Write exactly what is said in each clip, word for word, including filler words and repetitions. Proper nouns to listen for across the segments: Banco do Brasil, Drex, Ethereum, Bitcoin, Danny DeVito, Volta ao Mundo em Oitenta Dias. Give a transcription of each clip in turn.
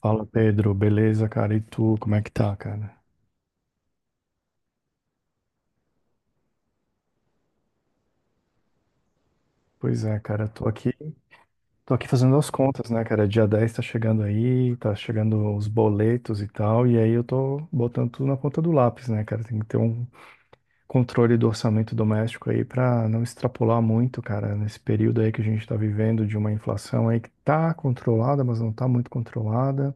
Fala Pedro, beleza, cara? E tu, como é que tá, cara? Pois é, cara, tô aqui, tô aqui fazendo as contas, né, cara? Dia dez tá chegando aí, tá chegando os boletos e tal, e aí eu tô botando tudo na ponta do lápis, né, cara? Tem que ter um controle do orçamento doméstico aí pra não extrapolar muito, cara, nesse período aí que a gente tá vivendo de uma inflação aí que tá controlada, mas não tá muito controlada.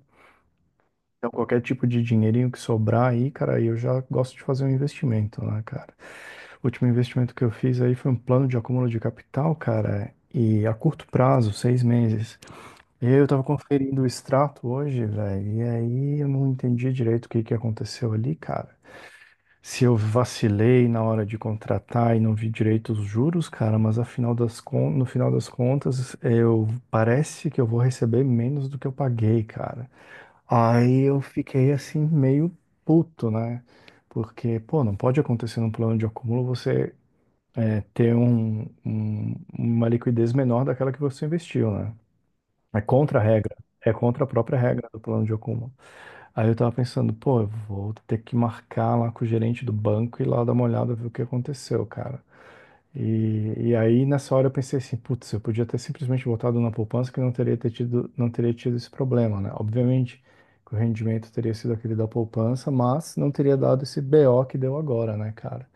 Então, qualquer tipo de dinheirinho que sobrar aí, cara, aí eu já gosto de fazer um investimento, né, cara? O último investimento que eu fiz aí foi um plano de acúmulo de capital, cara, e a curto prazo, seis meses. E aí eu tava conferindo o extrato hoje, velho, e aí eu não entendi direito o que que aconteceu ali, cara. Se eu vacilei na hora de contratar e não vi direito os juros, cara, mas afinal das con- no final das contas, eu parece que eu vou receber menos do que eu paguei, cara. Aí eu fiquei assim meio puto, né? Porque, pô, não pode acontecer num plano de acúmulo você é, ter um, um- uma liquidez menor daquela que você investiu, né? É contra a regra. É contra a própria regra do plano de acúmulo. Aí eu tava pensando, pô, eu vou ter que marcar lá com o gerente do banco e lá dar uma olhada, ver o que aconteceu, cara. E, e aí nessa hora eu pensei assim, putz, eu podia ter simplesmente botado na poupança que não teria ter tido, não teria tido esse problema, né? Obviamente que o rendimento teria sido aquele da poupança, mas não teria dado esse B O que deu agora, né, cara?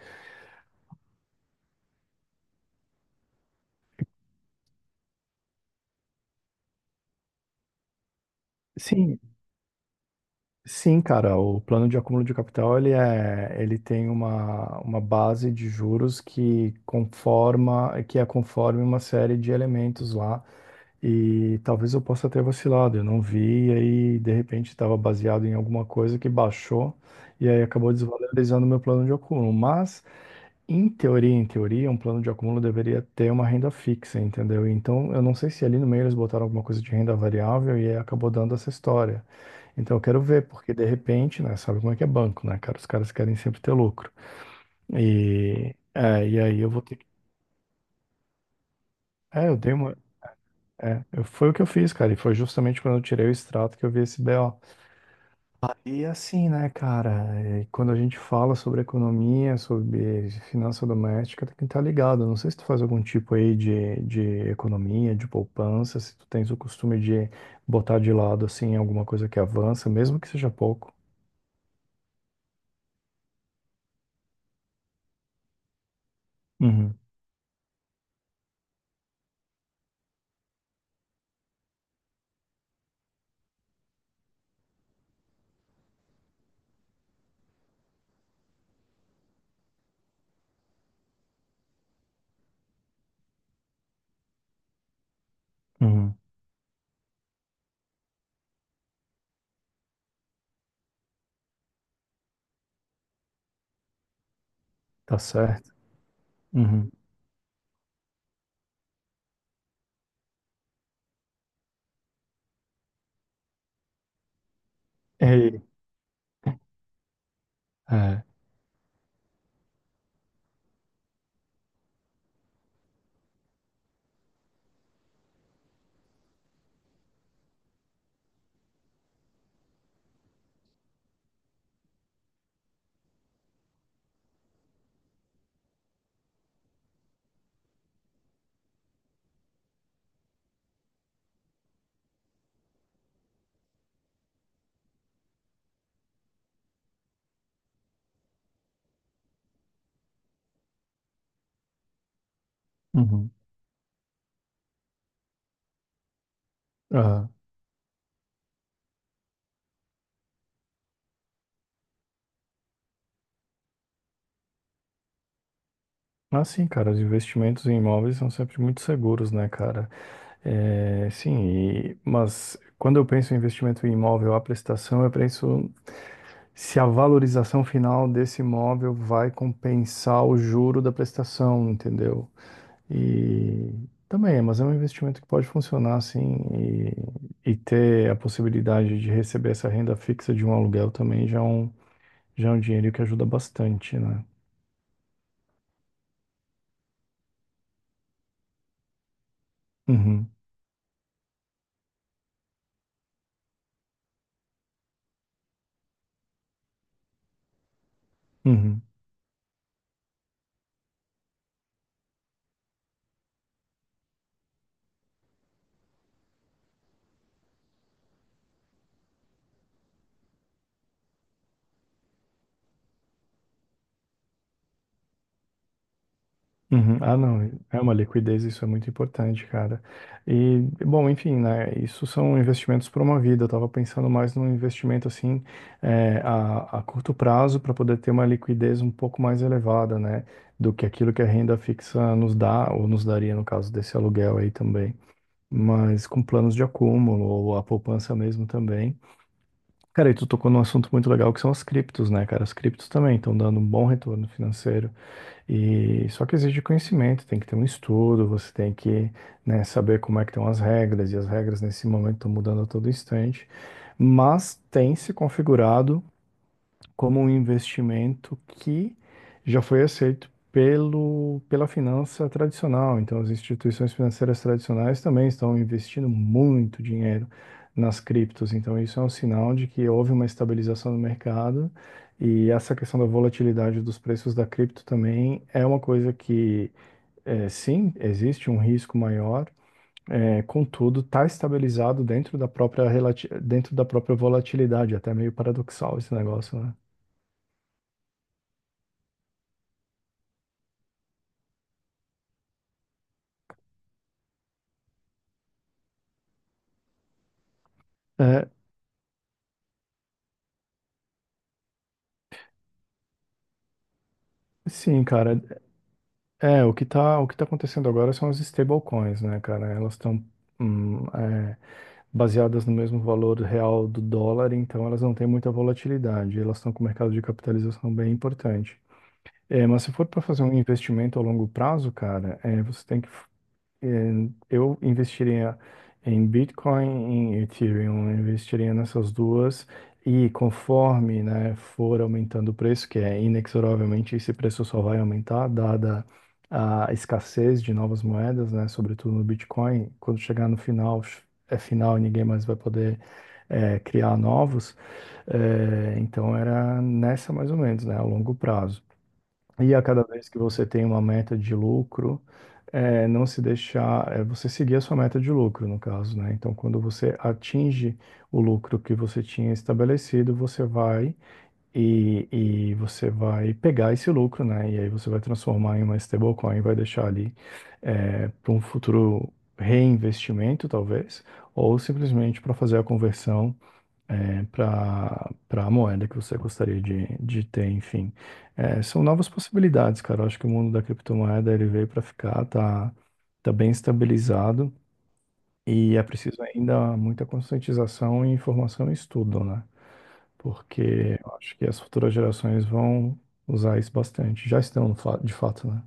Sim, sim, cara, o plano de acúmulo de capital, ele é, ele tem uma, uma base de juros que conforma, que é conforme uma série de elementos lá, e talvez eu possa ter vacilado, eu não vi, e aí de repente estava baseado em alguma coisa que baixou, e aí acabou desvalorizando meu plano de acúmulo, mas em teoria, em teoria, um plano de acúmulo deveria ter uma renda fixa, entendeu? Então, eu não sei se ali no meio eles botaram alguma coisa de renda variável e aí acabou dando essa história. Então, eu quero ver, porque de repente, né, sabe como é que é banco, né, cara? Os caras querem sempre ter lucro. E, é, e aí eu vou ter que. É, eu dei uma. É, eu- foi o que eu fiz, cara, e foi justamente quando eu tirei o extrato que eu vi esse B O. E assim, né, cara, é, quando a gente fala sobre economia, sobre finança doméstica, tem que estar ligado. Não sei se tu faz algum tipo aí de, de economia, de poupança, se tu tens o costume de botar de lado, assim, alguma coisa que avança, mesmo que seja pouco. Uhum, uhum, tá certo. Uhum. Ei, é, uhum. Aham. Ah, sim, cara, os investimentos em imóveis são sempre muito seguros, né, cara? É, sim, e- mas quando eu penso em investimento em imóvel, a prestação, eu penso se a valorização final desse imóvel vai compensar o juro da prestação, entendeu? E também, mas é um investimento que pode funcionar assim e, e ter a possibilidade de receber essa renda fixa de um aluguel também já é um, já é um dinheiro que ajuda bastante, né? Uhum, uhum. Uhum. Ah, não, é uma liquidez, isso é muito importante, cara. E, bom, enfim, né, isso são investimentos para uma vida. Eu estava pensando mais num investimento, assim, é, a, a curto prazo, para poder ter uma liquidez um pouco mais elevada, né, do que aquilo que a renda fixa nos dá, ou nos daria, no caso desse aluguel aí também. Mas com planos de acúmulo, ou a poupança mesmo também. Cara, e tu tocou num assunto muito legal, que são as criptos, né, cara? As criptos também estão dando um bom retorno financeiro. E só que exige conhecimento, tem que ter um estudo, você tem que, né, saber como é que estão as regras, e as regras nesse momento estão mudando a todo instante. Mas tem se configurado como um investimento que já foi aceito pelo, pela finança tradicional. Então, as instituições financeiras tradicionais também estão investindo muito dinheiro nas criptos. Então, isso é um sinal de que houve uma estabilização no mercado e essa questão da volatilidade dos preços da cripto também é uma coisa que, eh, sim, existe um risco maior. É, contudo, está estabilizado dentro da própria relati- dentro da própria volatilidade, até meio paradoxal esse negócio, né? É, sim, cara. É, o que tá, o que tá acontecendo agora são as stablecoins, né, cara? Elas estão baseadas no mesmo valor real do dólar, então elas não têm muita volatilidade. Elas estão com um mercado de capitalização bem importante. É, mas se for para fazer um investimento a longo prazo, cara, é, você tem que eh, eu investiria em Bitcoin, em Ethereum, eu investiria nessas duas e conforme, né, for aumentando o preço, que é inexoravelmente esse preço só vai aumentar, dada a escassez de novas moedas, né, sobretudo no Bitcoin, quando chegar no final, é final e ninguém mais vai poder eh, criar novos, Eh, então era nessa mais ou menos, né, a longo prazo. E a cada vez que você tem uma meta de lucro, é, não se deixar, é, você seguir a sua meta de lucro, no caso, né? Então, quando você atinge o lucro que você tinha estabelecido, você vai e, e você vai pegar esse lucro, né? E aí você vai transformar em uma stablecoin, vai deixar ali, para um futuro reinvestimento, talvez, ou simplesmente para fazer a conversão para para a moeda que você gostaria de, de ter, enfim. É, são novas possibilidades, cara. Eu acho que o mundo da criptomoeda ele veio para ficar, tá, tá bem estabilizado e é preciso ainda muita conscientização e informação e estudo, né? Porque eu acho que as futuras gerações vão usar isso bastante. Já estão, fa- de fato, né?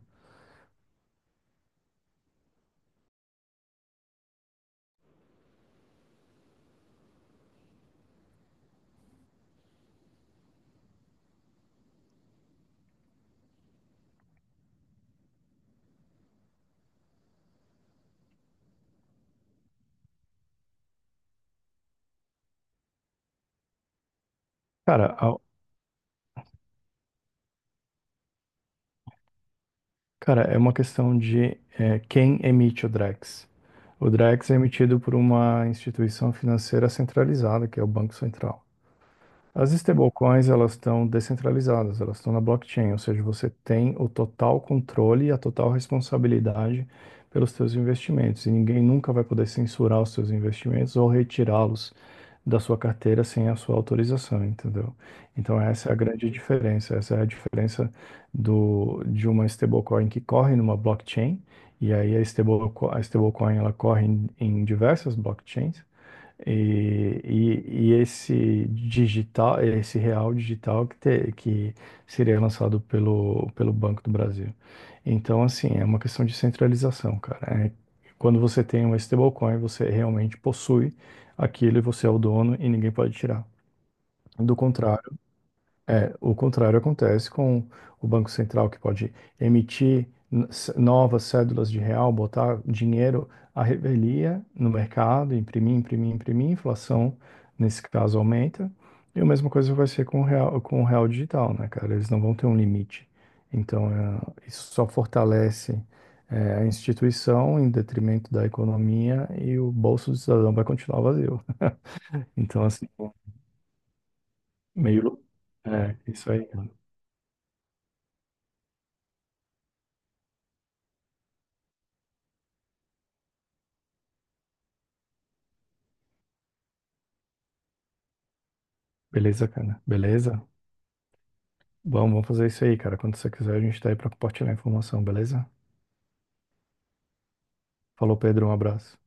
Cara, Cara, é uma questão de eh, quem emite o Drex. O Drex é emitido por uma instituição financeira centralizada, que é o Banco Central. As stablecoins, elas estão descentralizadas, elas estão na blockchain, ou seja, você tem o total controle e a total responsabilidade pelos seus investimentos, e ninguém nunca vai poder censurar os seus investimentos ou retirá-los da sua carteira sem a sua autorização, entendeu? Então essa é a grande diferença, essa é a diferença do, de uma stablecoin que corre numa blockchain, e aí a stablecoin, a stablecoin ela corre em, em diversas blockchains, e, e, e esse digital, esse real digital que, te- que seria lançado pelo, pelo Banco do Brasil. Então, assim, é uma questão de centralização, cara. É, quando você tem uma stablecoin, você realmente possui aquilo e você é o dono e ninguém pode tirar. Do contrário. É, o contrário acontece com o Banco Central, que pode emitir n- c- novas cédulas de real, botar dinheiro à revelia no mercado, imprimir, imprimir, imprimir, a inflação, nesse caso, aumenta. E a mesma coisa vai ser com o real, com o real digital, né, cara? Eles não vão ter um limite. Então, é, isso só fortalece, é, a instituição em detrimento da economia e o bolso do cidadão vai continuar vazio. Então, assim, meio. É, isso aí. Beleza, cara? Beleza? Vamos, vamos fazer isso aí, cara. Quando você quiser, a gente tá aí pra compartilhar informação, beleza? Falou, Pedro, um abraço.